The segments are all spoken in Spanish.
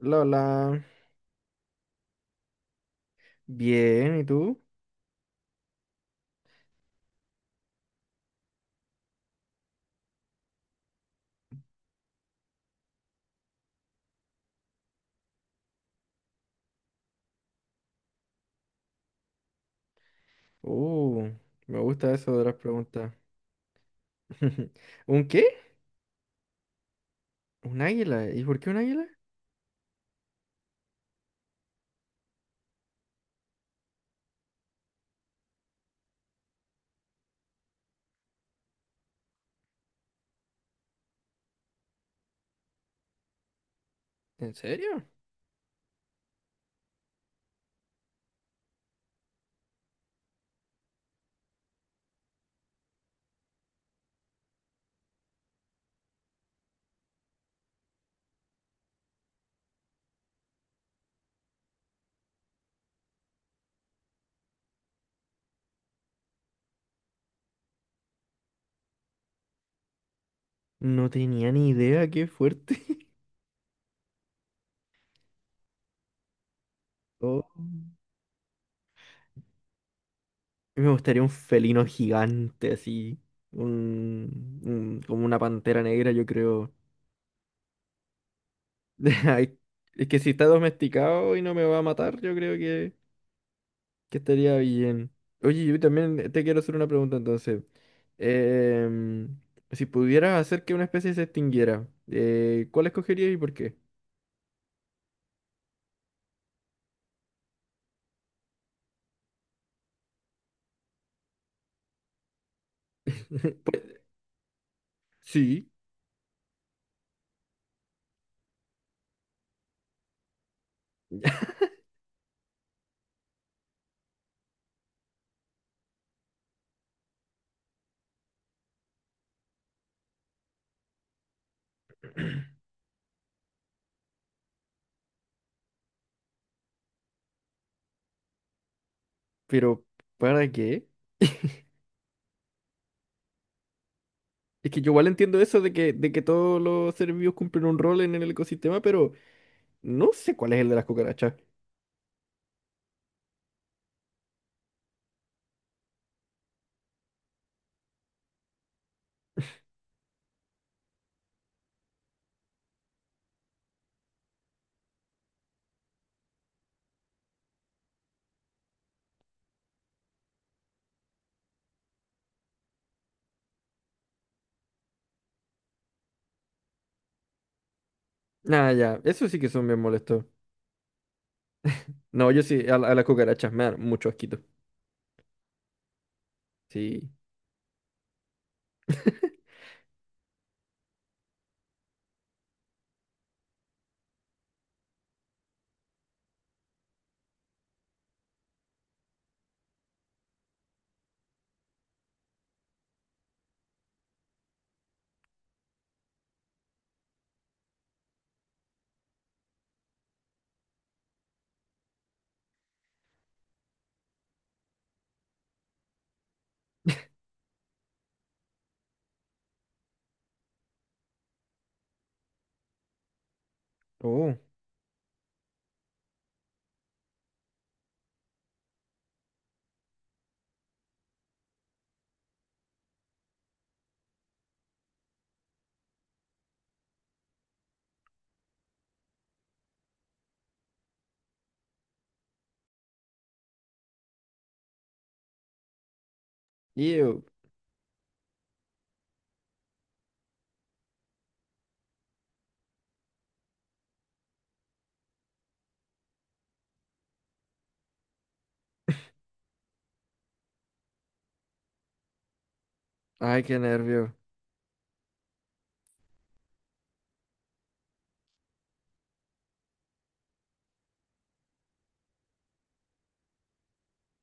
Lola, bien, ¿y tú? Uh, Me gusta eso de las preguntas. ¿Un qué? ¿Un águila? ¿Y por qué un águila? ¿En serio? No tenía ni idea, qué fuerte. Oh. Me gustaría un felino gigante así, como una pantera negra, yo creo. Ay, es que si está domesticado y no me va a matar, yo creo que estaría bien. Oye, yo también te quiero hacer una pregunta entonces. Em, si pudieras hacer que una especie se extinguiera, ¿cuál escogerías y por qué? Sí, pero ¿para qué? Es que yo igual entiendo eso de que todos los seres vivos cumplen un rol en el ecosistema, pero no sé cuál es el de las cucarachas. Ah, ya, eso sí que son bien molestos. No, yo sí, a las cucarachas me dan mucho asquito. Sí. Oh, ew. Ay, qué nervio.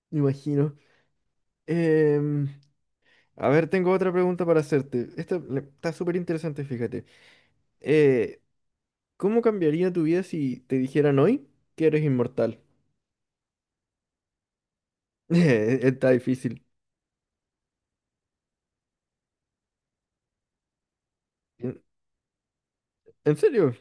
Me imagino. Em, a ver, tengo otra pregunta para hacerte. Esta está súper interesante, fíjate. Eh, ¿Cómo cambiaría tu vida si te dijeran hoy que eres inmortal? Está difícil. ¿En en serio?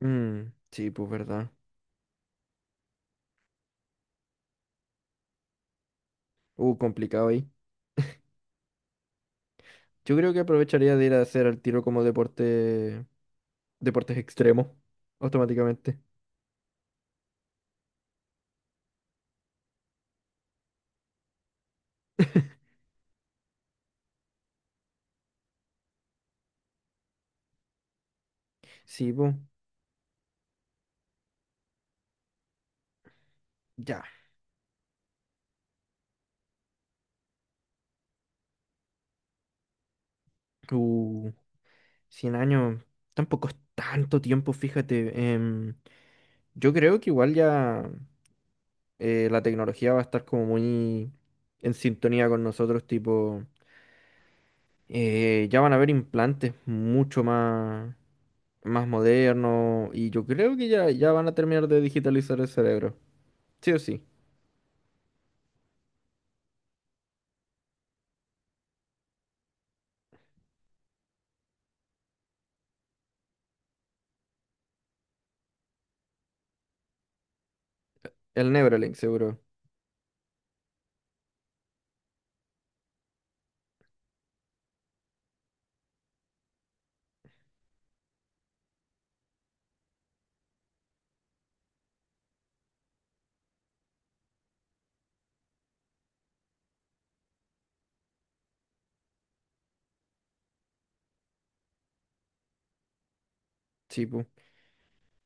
Mm, sí, pues verdad. Complicado ahí. Yo creo que aprovecharía de ir a hacer al tiro como deporte, deportes extremos, automáticamente. Sí, pues, ya. Uh, 100 años, tampoco es tanto tiempo, fíjate. Yo creo que igual ya. La tecnología va a estar como muy en sintonía con nosotros, tipo, ya van a haber implantes mucho más modernos y yo creo que ya van a terminar de digitalizar el cerebro, sí o sí, el Neuralink seguro, sí, pu.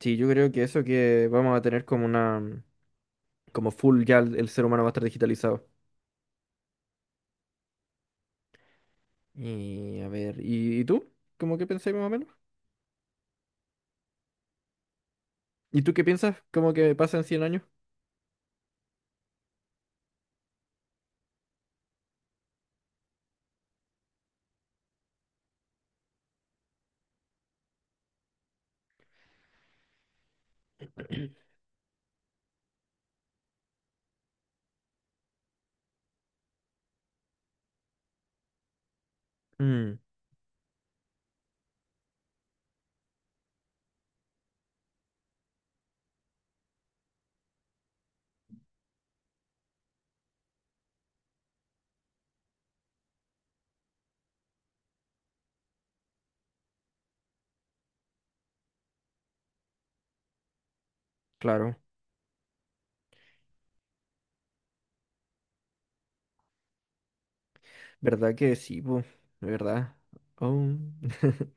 Sí, yo creo que eso que vamos a tener como como full ya el ser humano va a estar digitalizado. Y a ver, ¿y tú? ¿Cómo que pensáis más o menos? ¿Y tú qué piensas? ¿Cómo que pasa en 100 años? Mm, claro. ¿Verdad que sí, po? ¿Verdad? Oh.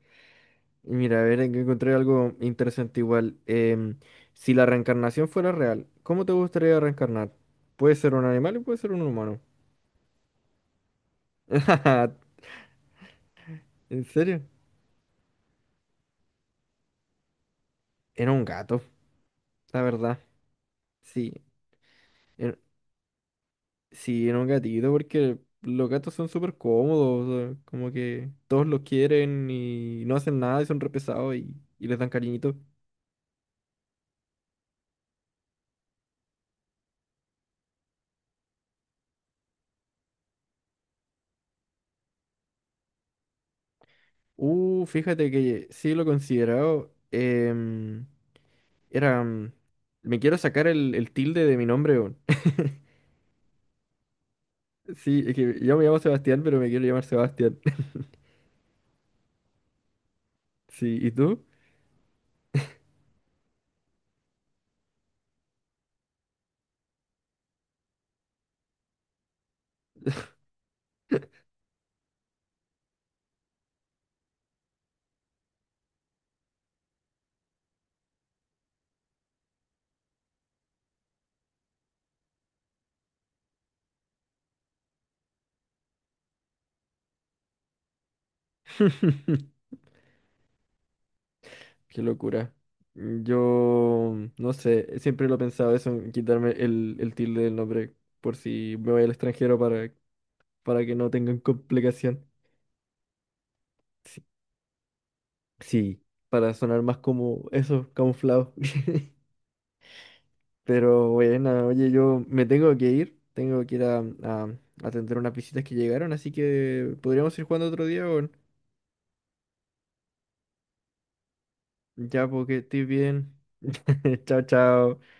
Y mira, a ver, encontré algo interesante igual. Si la reencarnación fuera real, ¿cómo te gustaría reencarnar? Puede ser un animal y puede ser un humano. ¿En serio? En un gato, la verdad. Sí, en, sí, en un gatito, porque los gatos son súper cómodos, o sea, como que todos los quieren y no hacen nada y son re pesados y les dan cariñito. Fíjate que sí lo he considerado. Era. mm, Me quiero sacar el, tilde de mi nombre. Weón. Sí, es que yo me llamo Sebastián, pero me quiero llamar Sebastián. Sí, ¿y tú? Qué locura. Yo no sé, siempre lo he pensado eso, en quitarme el, tilde del nombre por si me voy al extranjero para que no tengan complicación. Sí, sí, para sonar más como eso, camuflado. Pero bueno, oye, yo me tengo que ir a atender unas visitas que llegaron, así que podríamos ir jugando otro día, o ya, porque estoy bien. Chao, chao.